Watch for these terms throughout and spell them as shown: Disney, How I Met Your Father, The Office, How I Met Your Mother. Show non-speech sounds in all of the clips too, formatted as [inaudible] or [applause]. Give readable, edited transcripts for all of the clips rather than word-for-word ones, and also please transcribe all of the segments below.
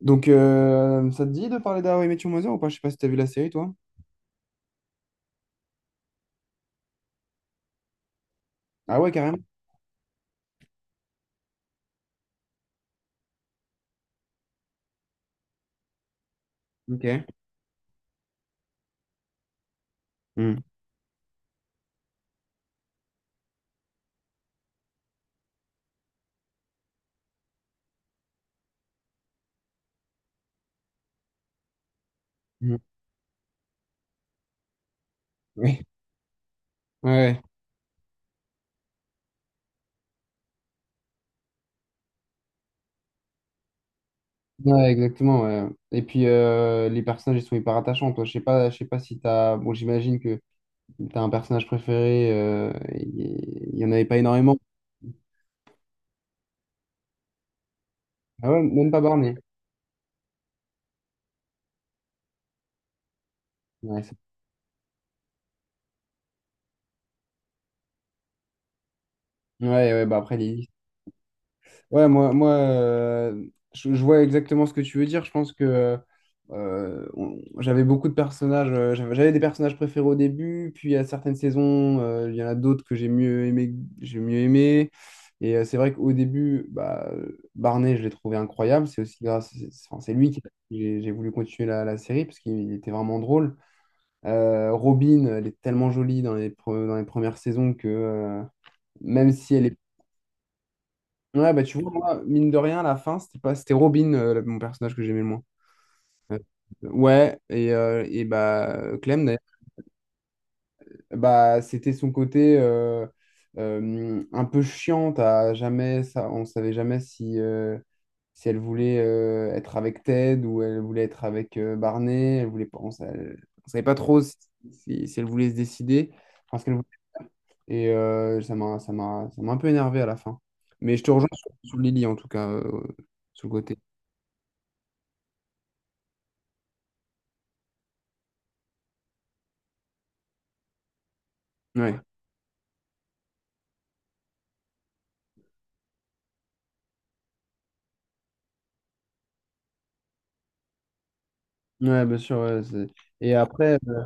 Ça te dit de parler d'How I Met Your Mother ou pas? Je sais pas si t'as vu la série, toi. Ah ouais, carrément. Ok. Hmm. Mhm. [laughs] Oui. Ouais. Ouais, ouais, exactement, ouais. Et puis, les personnages, ils sont hyper attachants. Toi, je sais pas si t'as... Bon, j'imagine que t'as un personnage préféré. Il y en avait pas énormément. Ah ouais, même pas Barney. Ouais, c'est- ouais, ouais, bah après, Lily. Moi, je vois exactement ce que tu veux dire. Je pense que j'avais beaucoup de personnages. J'avais des personnages préférés au début, puis à certaines saisons, il y en a d'autres que j'ai mieux aimé, j'ai mieux aimé. Et c'est vrai qu'au début, Barney, je l'ai trouvé incroyable. C'est aussi grâce, c'est- enfin, C'est lui qui j'ai voulu continuer la série parce qu'il était vraiment drôle. Robin, elle est tellement jolie dans dans les premières saisons que même si elle est... Ouais, bah tu vois, moi, mine de rien, à la fin, c'était pas, c'était Robin, mon personnage que j'aimais le moins. Euh, Clem, d'ailleurs, bah, c'était son côté un peu chiante à jamais. Ça, on savait jamais si, si elle voulait être avec Ted ou elle voulait être avec Barney, elle voulait pas. On savait pas trop si, si elle voulait se décider, enfin, ce qu'elle voulait. Et ça m'a un peu énervé à la fin. Mais je te rejoins sur, sur Lily, en tout cas, sur le côté. Ouais, ouais, bien sûr, ouais, c'est- et après,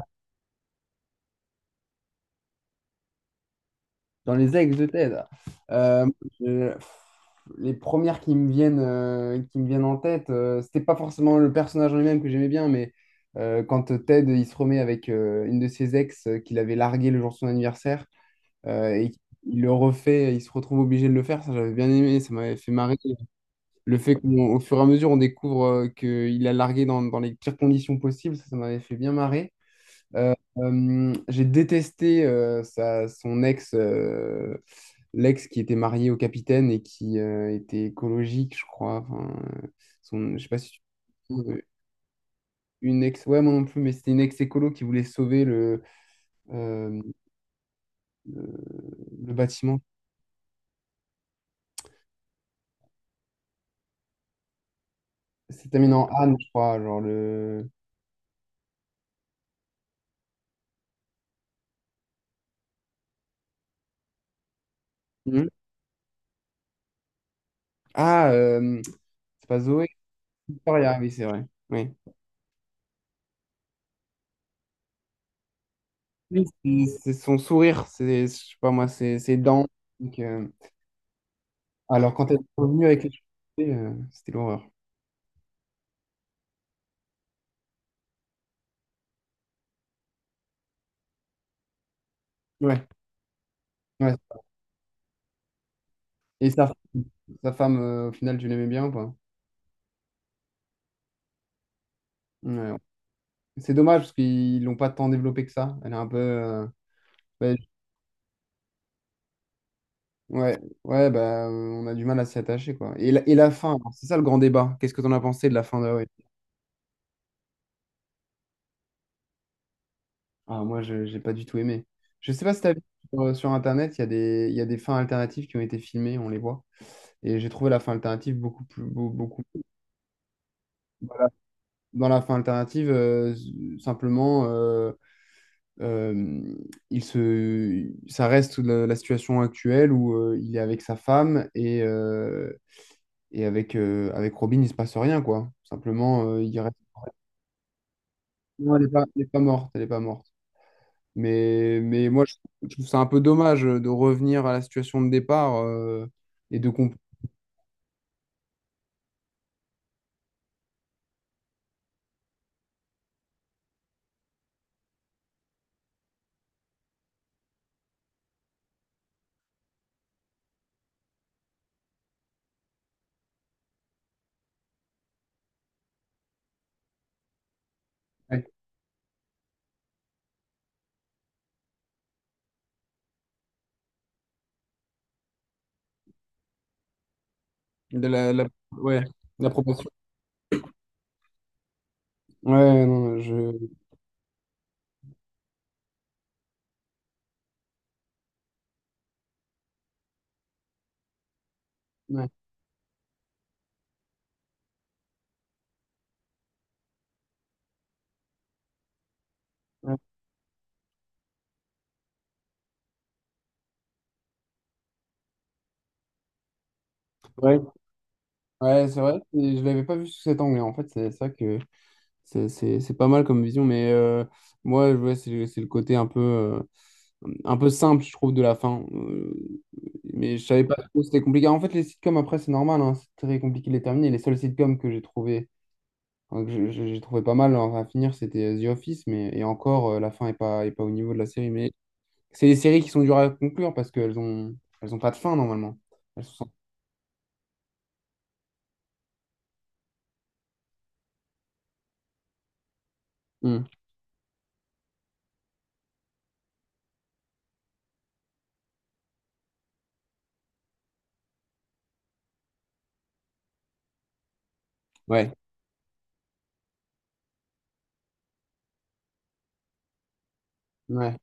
dans les ex de TED, euh, pff, les premières qui me viennent en tête, c'était pas forcément le personnage en lui-même que j'aimais bien, mais quand Ted il se remet avec une de ses ex qu'il avait largué le jour de son anniversaire et il le refait, il se retrouve obligé de le faire. Ça j'avais bien aimé, ça m'avait fait marrer. Le fait qu'au fur et à mesure on découvre qu'il a largué dans les pires conditions possibles, ça m'avait fait bien marrer. J'ai détesté son ex, l'ex qui était marié au capitaine et qui était écologique, je crois. Enfin, euh, son... je sais pas si tu trouves une ex, ouais, moi non plus, mais c'était une ex écolo qui voulait sauver euh, le, le bâtiment. C'était terminé en Anne, je crois, genre le... Mhm. Ah, euh, c'est pas Zoé, Victoria, oui, c'est vrai. Oui. Oui, c'est son sourire, c'est, je sais pas moi, c'est ses dents. Alors, quand elle est revenue avec les cheveux, c'était l'horreur. Ouais, ouais. Et sa femme, au final, tu l'aimais bien ou pas? Ouais. C'est dommage parce qu'ils l'ont pas tant développé que ça. Elle est un peu... bah, ouais, ouais, on a du mal à s'y attacher, quoi. Et et la fin, alors, c'est ça le grand débat. Qu'est-ce que t'en as pensé de la fin d'Hawaii? Ah, moi, je j'ai pas du tout aimé. Je sais pas si t'as vu sur Internet, il y a des fins alternatives qui ont été filmées, on les voit. Et j'ai trouvé la fin alternative beaucoup plus... beau- Beaucoup, Dans la dans la fin alternative, simplement. euh, Euh, ça reste la situation actuelle où il est avec sa femme et, avec Robin, il se passe rien, quoi. Simplement, il reste... Non, elle est pas morte, elle est pas morte. Mais moi, je trouve ça un peu dommage de revenir à la situation de départ et de comprendre ouais, la proportion. Ouais, non, je... Ouais, ouais. Ouais, ouais, c'est vrai, et je l'avais pas vu sous cet angle, hein. En fait, c'est ça que... C'est pas mal comme vision, mais ouais, c'est le côté un peu simple, je trouve, de la fin. Mais je savais pas trop, c'était compliqué. En fait, les sitcoms, après, c'est normal, hein, c'est très compliqué de les terminer. Les seuls sitcoms que j'ai trouvé, j'ai trouvé pas mal, hein, à finir, c'était The Office, mais et encore, la fin est pas au niveau de la série. Mais c'est des séries qui sont dures à conclure parce elles ont pas de fin, normalement. Elles sont... Hmm. Ouais. Ouais.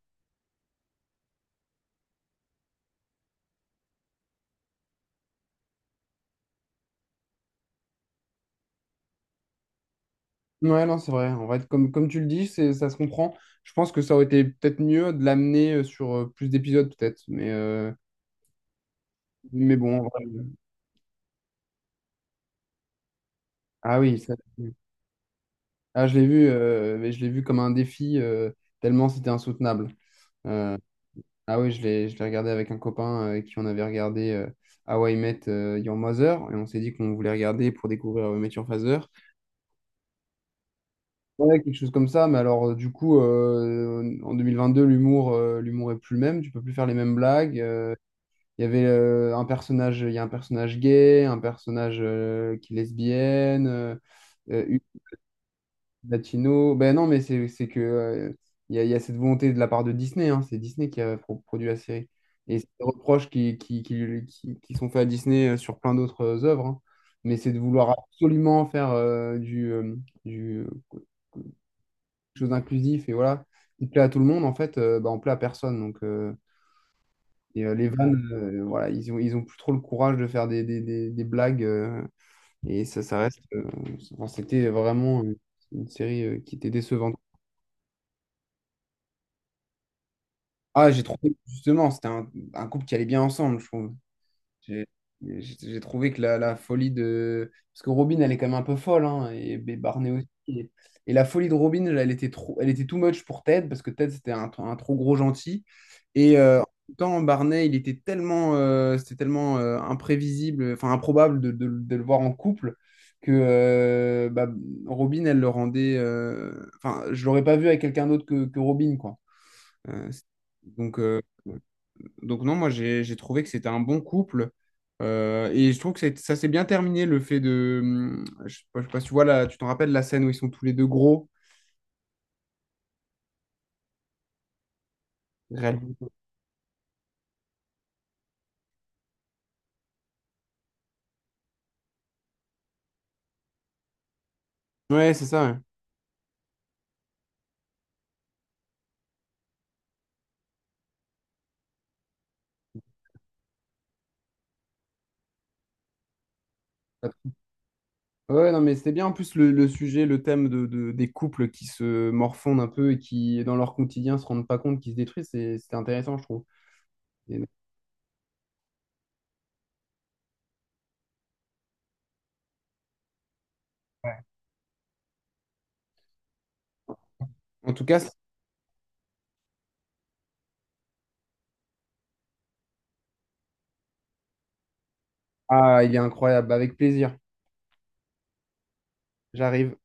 Ouais, non, c'est vrai. En vrai, comme tu le dis, c'est, ça se comprend. Je pense que ça aurait été peut-être mieux de l'amener sur plus d'épisodes, peut-être. Mais bon, en vrai, euh... Ah oui, ça- ah, je l'ai vu, mais je l'ai vu comme un défi, tellement c'était insoutenable. Euh, ah oui, je l'ai regardé avec un copain avec qui on avait regardé How I Met Your Mother, et on s'est dit qu'on voulait regarder pour découvrir How I Met Your Father. Ouais, quelque chose comme ça, mais alors en 2022, l'humour est plus le même, tu peux plus faire les mêmes blagues. Il y avait un personnage, il y a un personnage gay, un personnage qui est lesbienne, une latino. Ben non, mais c'est que il y a cette volonté de la part de Disney, hein. C'est Disney qui a produit la série. Et c'est des reproches qui sont faits à Disney sur plein d'autres œuvres, hein. Mais c'est de vouloir absolument faire du quelque chose d'inclusif et voilà, qui plaît à tout le monde, en fait, ben, on plaît à personne. Et les vannes, voilà, ils ont plus trop le courage de faire des blagues. Et ça, ça reste. euh, C'était vraiment une série qui était décevante. Ah, j'ai trouvé, justement, c'était un couple qui allait bien ensemble, je trouve. J'ai j'ai trouvé que la folie de... parce que Robin, elle est quand même un peu folle, hein, et Barney aussi. Et la folie de Robin, elle était trop, elle était too much pour Ted, parce que Ted, c'était un trop gros gentil. Et en même temps, Barney, il était tellement imprévisible, enfin improbable de le voir en couple, que Robin, elle le rendait... Enfin, je l'aurais pas vu avec quelqu'un d'autre que Robin, quoi. Euh, c'est- donc, euh, donc non, moi j'ai trouvé que c'était un bon couple. Et je trouve que ça s'est bien terminé, le fait de... je sais pas si tu vois là, tu t'en rappelles la scène où ils sont tous les deux gros. Réellement. Ouais, c'est ça. Ouais, ouais, non, mais c'était bien en plus le sujet, le thème des couples qui se morfondent un peu et qui, dans leur quotidien, se rendent pas compte qu'ils se détruisent. C'était intéressant, je trouve. Et- En tout cas, c'est... ah, il est incroyable. Avec plaisir. J'arrive.